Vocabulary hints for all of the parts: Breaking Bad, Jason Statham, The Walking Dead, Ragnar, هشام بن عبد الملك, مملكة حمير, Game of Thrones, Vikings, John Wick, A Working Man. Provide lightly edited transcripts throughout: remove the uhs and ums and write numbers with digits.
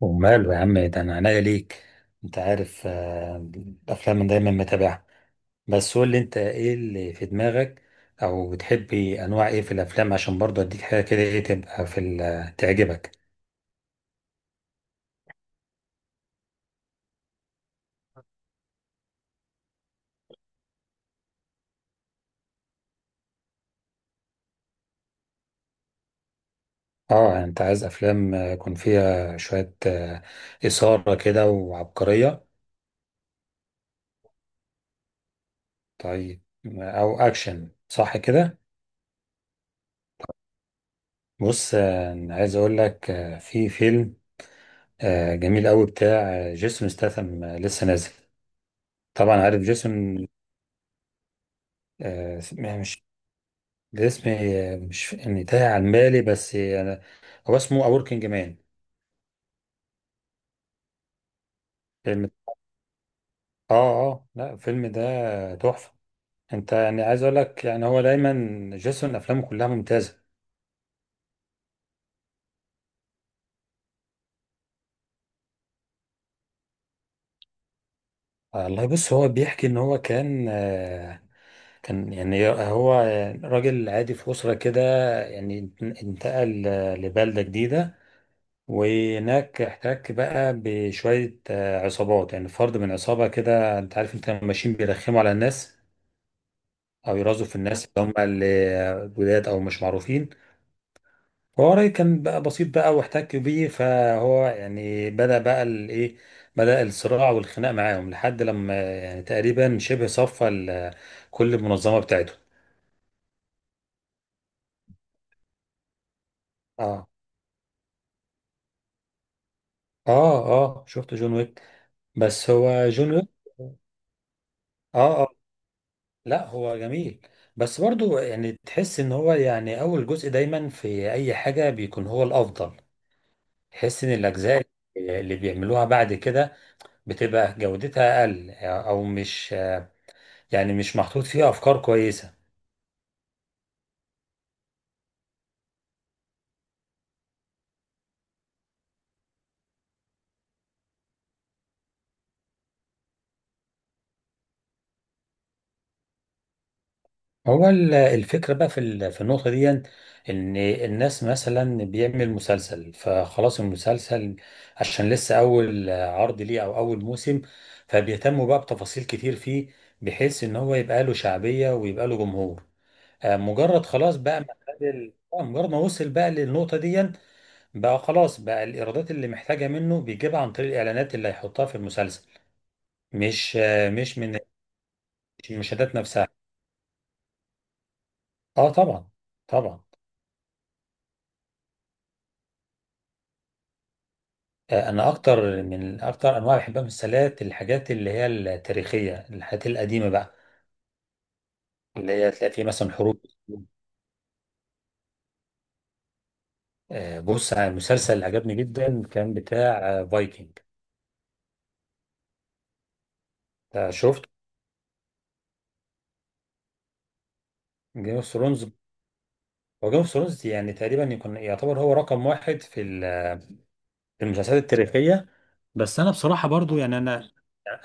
وماله يا عم ده انا عناية ليك. انت عارف، الافلام أنا دايما متابعها. بس قول لي انت ايه اللي في دماغك؟ او بتحبي انواع ايه في الافلام، عشان برضه اديك حاجه كده ايه تبقى في تعجبك. اه، يعني انت عايز افلام يكون فيها شويه اثاره كده وعبقريه؟ طيب، او اكشن صح كده؟ بص، أنا عايز اقول لك، في فيلم جميل قوي بتاع جيسون ستاثام، لسه نازل. طبعا عارف جيسون. اسمها مش... الاسم مش يعني تايه عن بالي، بس هو اسمه A Working Man. فيلم. اه اه لا، الفيلم ده تحفة. انت يعني عايز اقول لك، يعني هو دايما جيسون افلامه كلها ممتازة. والله بص، هو بيحكي ان هو كان يعني هو راجل عادي في أسرة كده. يعني انتقل لبلدة جديدة، وهناك احتك بقى بشوية عصابات، يعني فرد من عصابة كده. انت عارف انت لما ماشيين بيرخموا على الناس، او يرازوا في الناس اللي هم جداد او مش معروفين. فهو رأيي كان بقى بسيط بقى، واحتك بيه، فهو يعني بدأ بقى الايه بدأ الصراع والخناق معاهم، لحد لما يعني تقريبا شبه صفى كل المنظمة بتاعته. اه اه اه شفت جون ويك. بس هو جون ويك. اه اه لا، هو جميل. بس برضو يعني تحس ان هو يعني اول جزء دايما في اي حاجة بيكون هو الافضل. تحس ان الاجزاء اللي بيعملوها بعد كده بتبقى جودتها اقل، او مش محطوط فيها افكار كويسه. هو الفكره بقى في في النقطه دي، ان الناس مثلا بيعمل مسلسل، فخلاص المسلسل عشان لسه اول عرض ليه او اول موسم، فبيهتموا بقى بتفاصيل كتير فيه، بحيث ان هو يبقى له شعبيه ويبقى له جمهور. مجرد خلاص بقى ما خد ال- آه، مجرد ما وصل بقى للنقطه دي، بقى خلاص بقى الايرادات اللي محتاجه منه بيجيبها عن طريق الاعلانات اللي هيحطها في المسلسل، مش مش من المشاهدات نفسها. اه طبعا، طبعا. انا اكتر من اكتر انواع بحبها من السلات الحاجات اللي هي التاريخيه، الحاجات القديمه بقى، اللي هي تلاقي فيه مثلا حروب. بص، على المسلسل اللي عجبني جدا كان بتاع فايكنج. شفت جيم اوف ثرونز؟ هو جيم اوف ثرونز يعني تقريبا يكون يعتبر هو رقم واحد في في المسلسلات التاريخيه. بس انا بصراحه برضو يعني انا،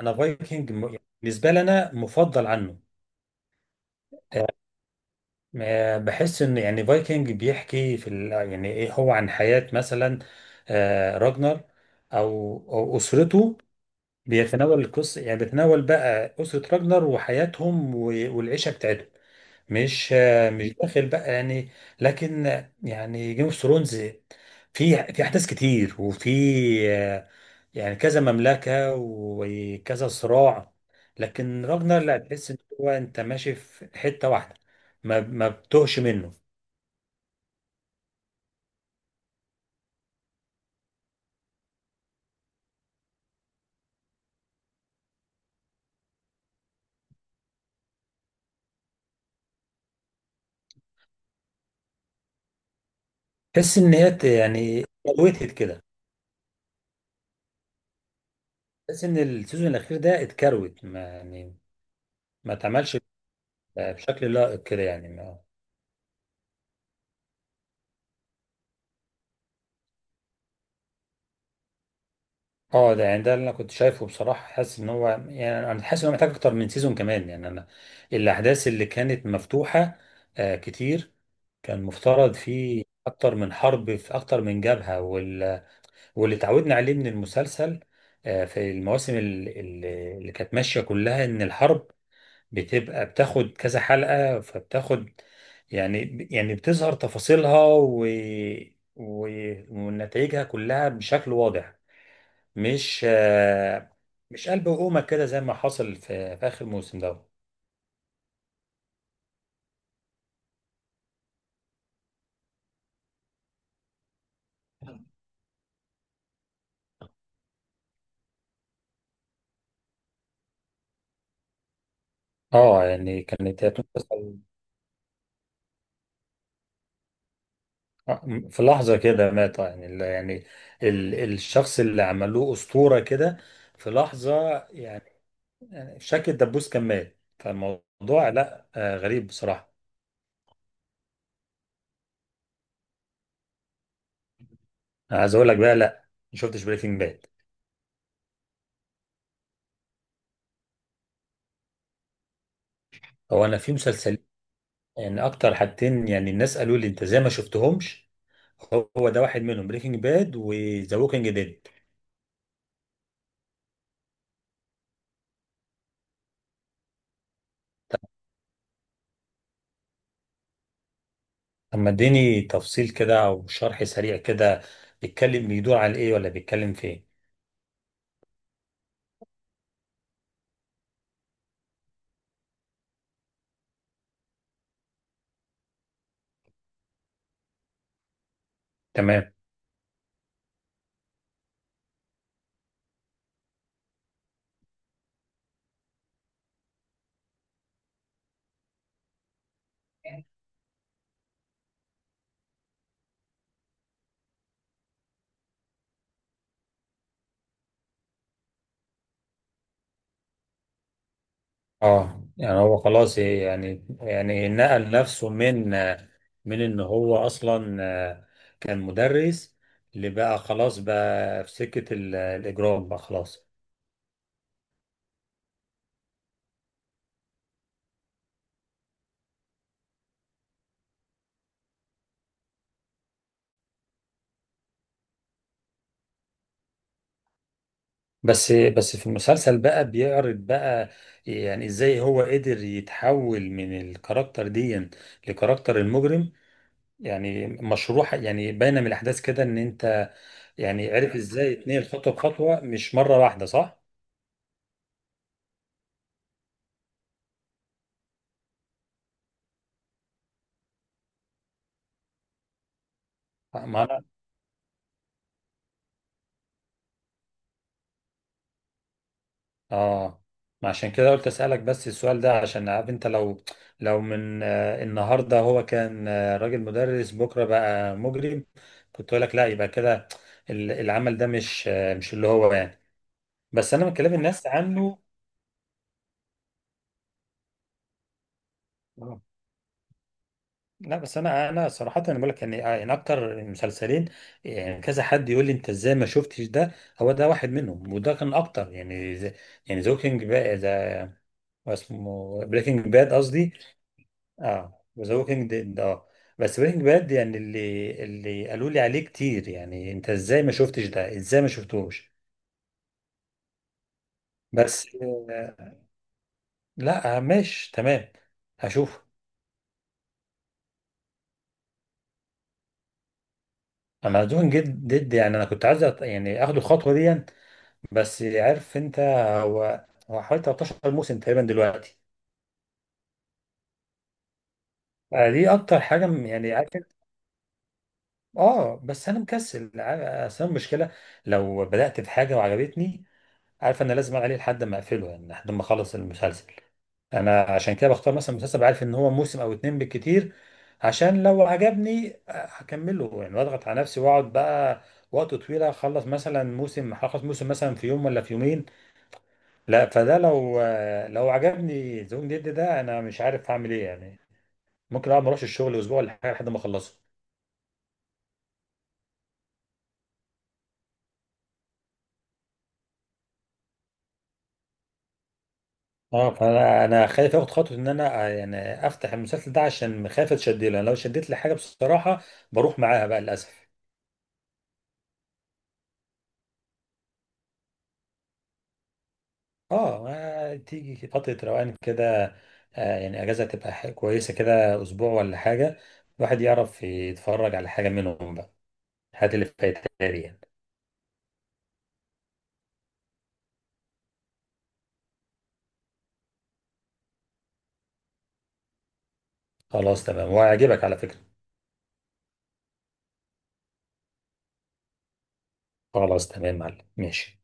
فايكنج بالنسبه لي انا مفضل عنه. بحس ان يعني فايكنج بيحكي في يعني ايه، هو عن حياة مثلا راجنر او اسرته. بيتناول القصة، يعني بيتناول بقى اسرة راجنر وحياتهم والعيشة بتاعتهم. مش مش داخل بقى يعني. لكن يعني جيم اوف ثرونز في احداث كتير، وفي آه، يعني كذا مملكه وكذا صراع. لكن راجنر لا، تحس ان هو انت ماشي في حته واحده، ما بتقش منه. تحس ان هي يعني اتكروتت كده. تحس ان السيزون الاخير ده اتكروت، ما يعني ما اتعملش بشكل لائق كده يعني. اه، ده اللي انا كنت شايفه بصراحه، حاسس ان هو محتاج اكتر من سيزون كمان. يعني انا، الاحداث اللي كانت مفتوحه كتير، كان مفترض في اكتر من حرب، في اكتر من جبهه، واللي اتعودنا عليه من المسلسل في المواسم اللي كانت ماشيه كلها، ان الحرب بتبقى بتاخد كذا حلقه، فبتاخد، يعني بتظهر تفاصيلها و... ونتائجها كلها بشكل واضح. مش آه، مش قلب وقومة كده زي ما حصل في آخر موسم ده. اه، يعني كانت هي بتنفصل. آه، في لحظة كده مات، يعني ال- يعني ال الشخص اللي عملوه أسطورة كده في لحظة. يعني يعني شكل الدبوس كان مات، فالموضوع لا، غريب بصراحة. أنا عايز أقول لك بقى، لا، ما شفتش بريكنج باد. هو أنا في مسلسل، يعني أكتر حاجتين يعني الناس قالوا لي أنت زي ما شفتهمش، هو ده واحد منهم، بريكنج باد وذا ووكينج ديد. طب، ما اديني تفصيل كده او شرح سريع كده، بيتكلم، بيدور على ايه، ولا بيتكلم في ايه؟ تمام. اه يعني هو خلاص، يعني نقل نفسه من، ان هو اصلا كان مدرس، اللي بقى خلاص بقى في سكة الاجرام بقى خلاص. بس في المسلسل بقى بيعرض بقى يعني ازاي هو قدر يتحول من الكاركتر دي لكاركتر المجرم. يعني مشروع، يعني باينه من الاحداث كده ان انت يعني عرف ازاي تنقل خطوه بخطوه، مش مره واحده، صح؟ ما انا، اه ما عشان كده قلت اسالك بس السؤال ده، عشان عارف انت لو، من النهارده هو كان راجل مدرس بكره بقى مجرم، كنت اقول لك لا يبقى كده العمل ده، مش اللي هو يعني. بس انا من كلام الناس عنه. لا، بس انا، صراحه انا بقول لك، يعني اكتر المسلسلين، يعني كذا حد يقول لي انت ازاي ما شفتش ده، هو ده واحد منهم، وده كان اكتر. يعني زي، يعني ذا ووكينج باد، ذا، اسمه بريكنج باد قصدي. اه، ذا ووكينج ديد. اه، بس بريكنج باد، يعني اللي قالوا لي عليه كتير، يعني انت ازاي ما شفتش ده، ازاي ما شفتوش. بس، لا، ماشي تمام، هشوف. انا دوين جد ضد يعني، انا كنت عايز يعني اخد الخطوه دي، يعني، بس عارف انت، هو هو حوالي 13 موسم تقريبا دلوقتي. دي اكتر حاجه يعني عارف بس انا مكسل اصل أنا المشكله، لو بدات في حاجه وعجبتني، عارف انا لازم عليه لحد ما اقفله، يعني لحد ما اخلص المسلسل. انا عشان كده بختار مثلا مسلسل عارف ان هو موسم او اتنين بالكتير، عشان لو عجبني هكمله، يعني واضغط على نفسي واقعد بقى وقت طويل، اخلص مثلا موسم هخلص موسم مثلا في يوم ولا في يومين. لا، فده لو، عجبني زوم جد ده انا مش عارف اعمل ايه يعني، ممكن اقعد ما اروحش الشغل اسبوع ولا حاجه لحد ما اخلصه. اه، فانا، خايف اخد خطوه ان انا يعني افتح المسلسل ده، عشان خايف اتشد له، يعني لو شدت لي حاجه بصراحه بروح معاها بقى للاسف. اه، تيجي فتره روقان كده، يعني اجازه تبقى كويسه كده، اسبوع ولا حاجه، الواحد يعرف يتفرج على حاجه منهم بقى. هات اللي فايتها لي يعني. خلاص تمام، وهيعجبك على فكره. خلاص تمام يا معلم، ماشي.